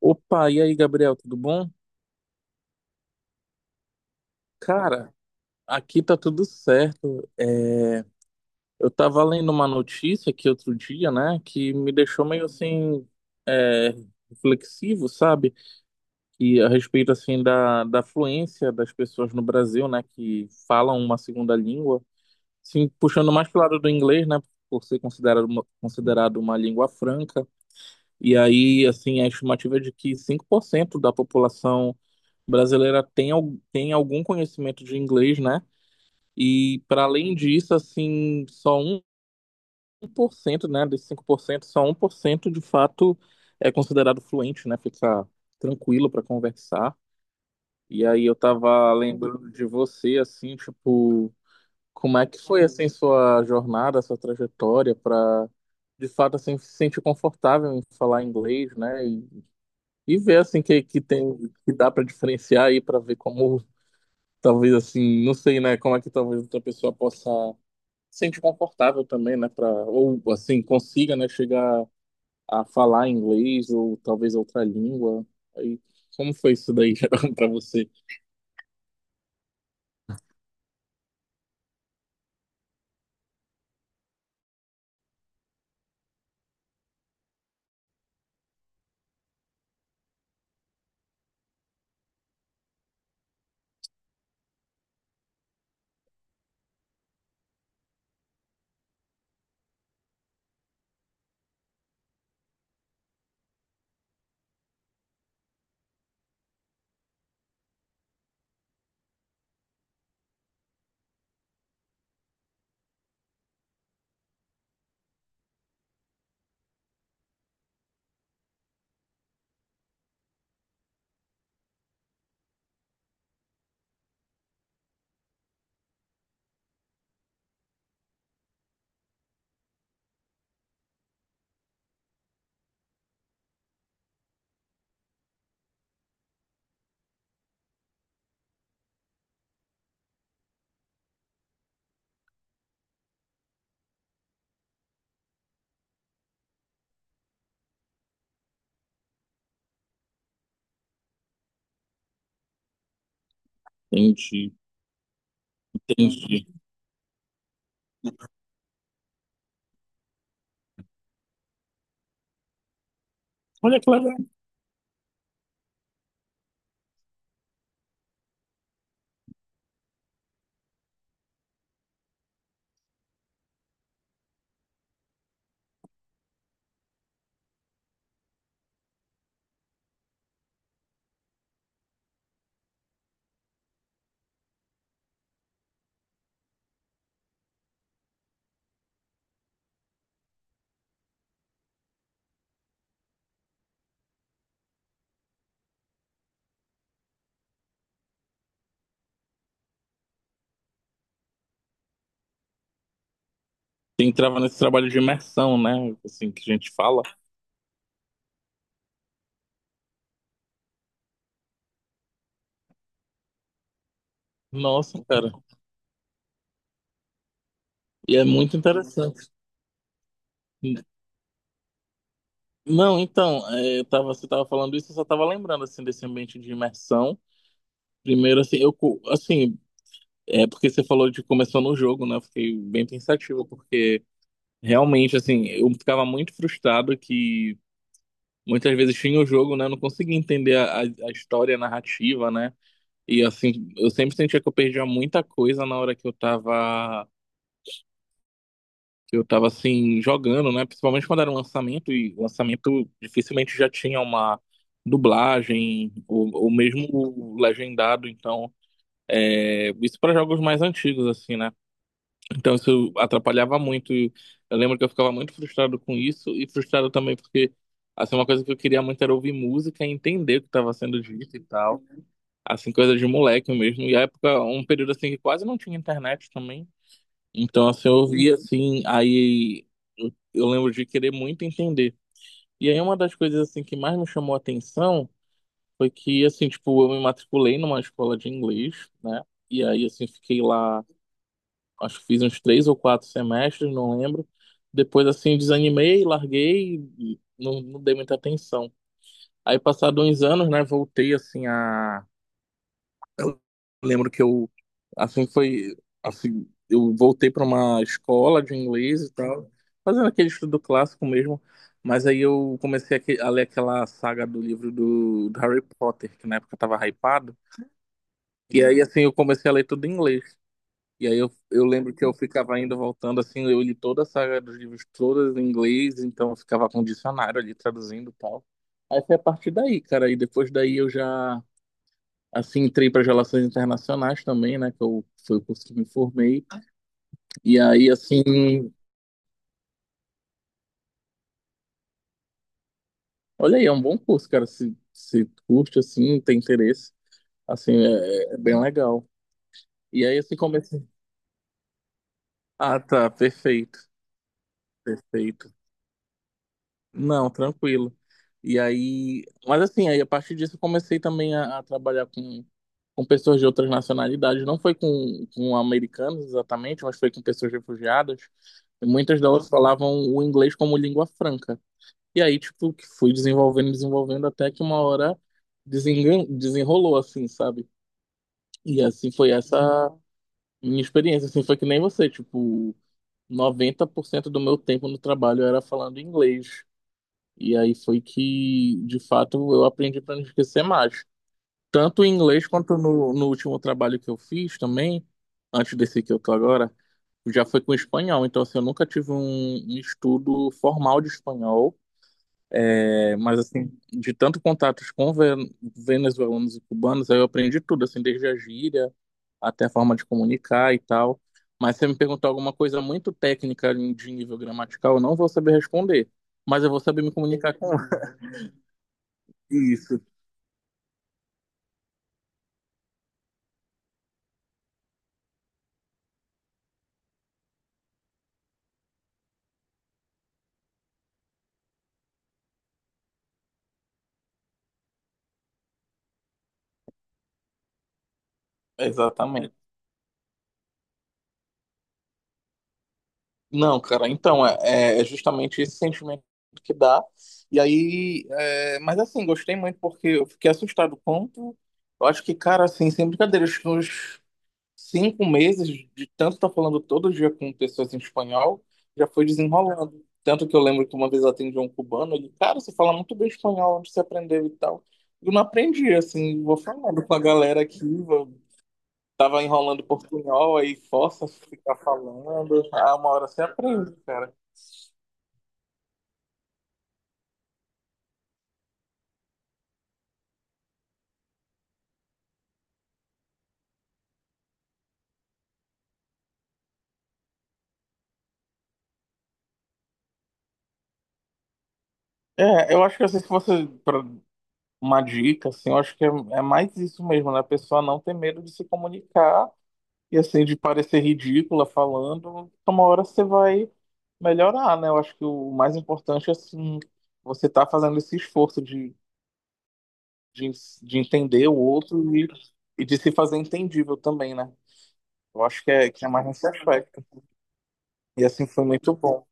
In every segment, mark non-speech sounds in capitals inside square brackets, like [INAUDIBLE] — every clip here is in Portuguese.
Opa, e aí, Gabriel, tudo bom? Cara, aqui tá tudo certo. É, eu tava lendo uma notícia aqui outro dia, né, que me deixou meio assim, é, reflexivo, sabe? E a respeito, assim, da fluência das pessoas no Brasil, né, que falam uma segunda língua. Assim, puxando mais pro lado do inglês, né, por ser considerado uma língua franca. E aí, assim, a estimativa é de que 5% da população brasileira tem algum conhecimento de inglês, né? E para além disso, assim, só 1%, né, desses 5% só 1% de fato é considerado fluente, né? Fica tranquilo para conversar. E aí eu tava lembrando de você, assim, tipo, como é que foi assim sua jornada, sua trajetória para de fato assim se sentir confortável em falar inglês, né? E ver assim que tem que dá para diferenciar aí para ver como. Talvez assim, não sei, né, como é que talvez outra pessoa possa se sentir confortável também, né, para ou assim consiga, né, chegar a falar inglês ou talvez outra língua. Aí, como foi isso daí, [LAUGHS] Geraldo, para você? Entendi, entendi. Olha que legal. Você entrava nesse trabalho de imersão, né, assim que a gente fala. Nossa, cara, e é muito interessante. Não, então, você tava falando isso, eu só tava lembrando assim desse ambiente de imersão. Primeiro, assim, é porque você falou de começou no jogo, né? Eu fiquei bem pensativo, porque realmente, assim, eu ficava muito frustrado que muitas vezes tinha o jogo, né? Eu não conseguia entender a história, a narrativa, né? E assim, eu sempre sentia que eu perdia muita coisa na hora que eu tava assim, jogando, né? Principalmente quando era um lançamento, e o lançamento dificilmente já tinha uma dublagem, ou mesmo legendado, então, isso para jogos mais antigos, assim, né? Então isso atrapalhava muito. Eu lembro que eu ficava muito frustrado com isso e frustrado também porque assim uma coisa que eu queria muito era ouvir música e entender o que estava sendo dito e tal, assim coisa de moleque mesmo. E a época, um período assim que quase não tinha internet também. Então assim eu ouvia assim, aí eu lembro de querer muito entender. E aí uma das coisas assim que mais me chamou a atenção foi que assim, tipo, eu me matriculei numa escola de inglês, né? E aí assim fiquei lá, acho que fiz uns 3 ou 4 semestres, não lembro. Depois, assim, desanimei, larguei e não dei muita atenção. Aí, passado uns anos, né, voltei, assim, a... Eu lembro que eu, assim, foi... Assim, eu voltei para uma escola de inglês e tal, fazendo aquele estudo clássico mesmo. Mas aí eu comecei a ler aquela saga do livro do Harry Potter, que na época eu tava hypado. E aí, assim, eu comecei a ler tudo em inglês. E aí eu lembro que eu ficava indo voltando, assim, eu li toda a saga dos livros, todas em inglês, então eu ficava com o dicionário ali traduzindo e tal. Aí foi a partir daí, cara, e depois daí eu já, assim, entrei para relações internacionais também, né, que eu, foi o curso que me formei. E aí, assim, olha aí, é um bom curso, cara, se curte, assim, tem interesse, assim, é bem legal. E aí, assim, comecei... Ah, tá, perfeito, perfeito. Não, tranquilo. E aí, mas assim, aí a partir disso eu comecei também a trabalhar com pessoas de outras nacionalidades. Não foi com americanos exatamente, mas foi com pessoas refugiadas. E muitas delas falavam o inglês como língua franca. E aí, tipo, que fui desenvolvendo, desenvolvendo até que uma hora desenrolou, assim, sabe? E assim foi essa minha experiência. Assim, foi que nem você, tipo, 90% do meu tempo no trabalho era falando inglês. E aí foi que, de fato, eu aprendi para não esquecer mais. Tanto em inglês quanto no último trabalho que eu fiz também, antes desse que eu tô agora, já foi com espanhol. Então, assim, eu nunca tive um estudo formal de espanhol. É, mas, assim, de tanto contatos com venezuelanos e cubanos, aí eu aprendi tudo, assim, desde a gíria até a forma de comunicar e tal. Mas se você me perguntar alguma coisa muito técnica de nível gramatical, eu não vou saber responder. Mas eu vou saber me comunicar com isso. Exatamente. Não, cara, então é, é justamente esse sentimento que dá. E aí, mas assim, gostei muito porque eu fiquei assustado quanto. Eu acho que, cara, assim, sem brincadeira, acho que uns 5 meses de tanto estar falando todo dia com pessoas em espanhol, já foi desenrolando. Tanto que eu lembro que uma vez eu atendi um cubano, ele, cara, você fala muito bem espanhol, onde você aprendeu e tal. Eu não aprendi, assim, vou falando com a galera aqui. Tava enrolando portunhol, aí força a ficar falando. Ah, uma hora você aprende, cara. É, eu acho que assim, se fosse pra uma dica, assim, eu acho que é mais isso mesmo, né? A pessoa não ter medo de se comunicar e, assim, de parecer ridícula falando. Então, uma hora você vai melhorar, né? Eu acho que o mais importante é, assim, você tá fazendo esse esforço de, de entender o outro e de se fazer entendível também, né? Eu acho que é mais nesse aspecto. E, assim, foi muito bom.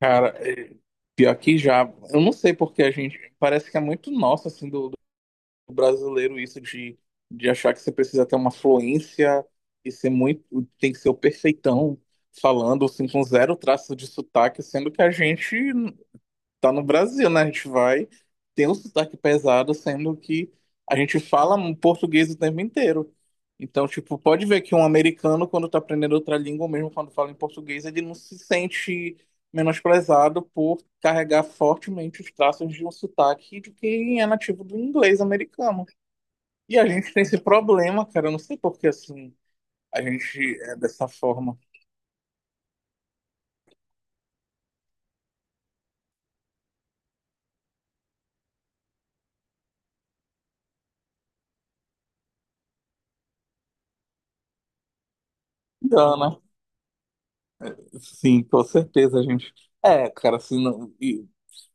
Cara, pior que já. Eu não sei porque a gente. Parece que é muito nosso, assim, do brasileiro, isso de, achar que você precisa ter uma fluência e ser muito. Tem que ser o perfeitão falando, assim, com zero traço de sotaque, sendo que a gente tá no Brasil, né? A gente vai, tem um sotaque pesado, sendo que a gente fala um português o tempo inteiro. Então, tipo, pode ver que um americano, quando tá aprendendo outra língua, ou mesmo quando fala em português, ele não se sente menosprezado por carregar fortemente os traços de um sotaque de quem é nativo do inglês americano. E a gente tem esse problema, cara, eu não sei por que assim a gente é dessa forma. Engana. Sim, com certeza, gente. É, cara, assim,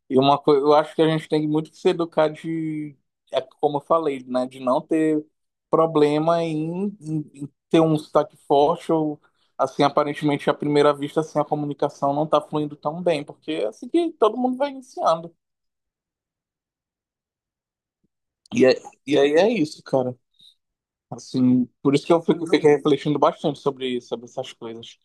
E uma coisa, eu acho que a gente tem muito que se educar de, é como eu falei, né, de não ter problema em ter um sotaque forte ou assim, aparentemente à primeira vista, assim, a comunicação não tá fluindo tão bem, porque é assim que todo mundo vai iniciando. E, é- e aí é isso, cara. Assim, por isso que eu fico, fiquei refletindo bastante sobre essas coisas.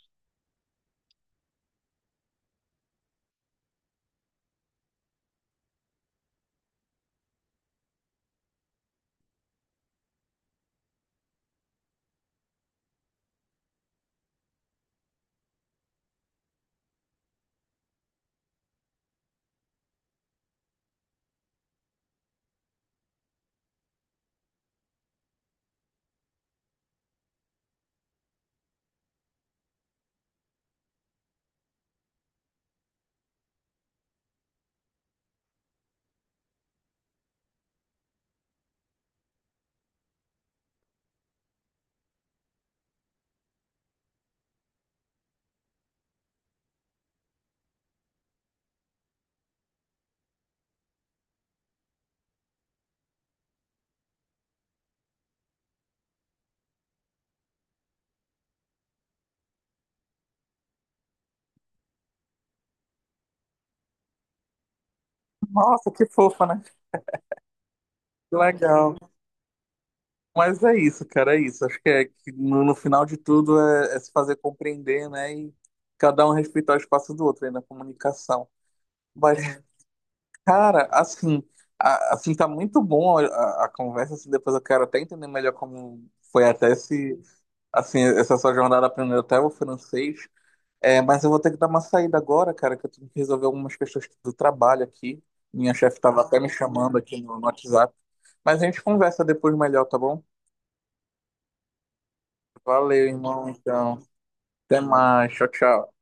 Nossa, que fofa, né? Que legal. Mas é isso, cara, é isso. Acho que, que no final de tudo é se fazer compreender, né? E cada um respeitar o espaço do outro aí na comunicação. Mas, cara, assim, assim tá muito bom a conversa. Assim, depois eu quero até entender melhor como foi até esse, assim, essa sua jornada aprendendo até o francês. É, mas eu vou ter que dar uma saída agora, cara, que eu tenho que resolver algumas questões do trabalho aqui. Minha chefe estava até me chamando aqui no WhatsApp. Mas a gente conversa depois melhor, tá bom? Valeu, irmão. Então, até mais. Tchau, tchau.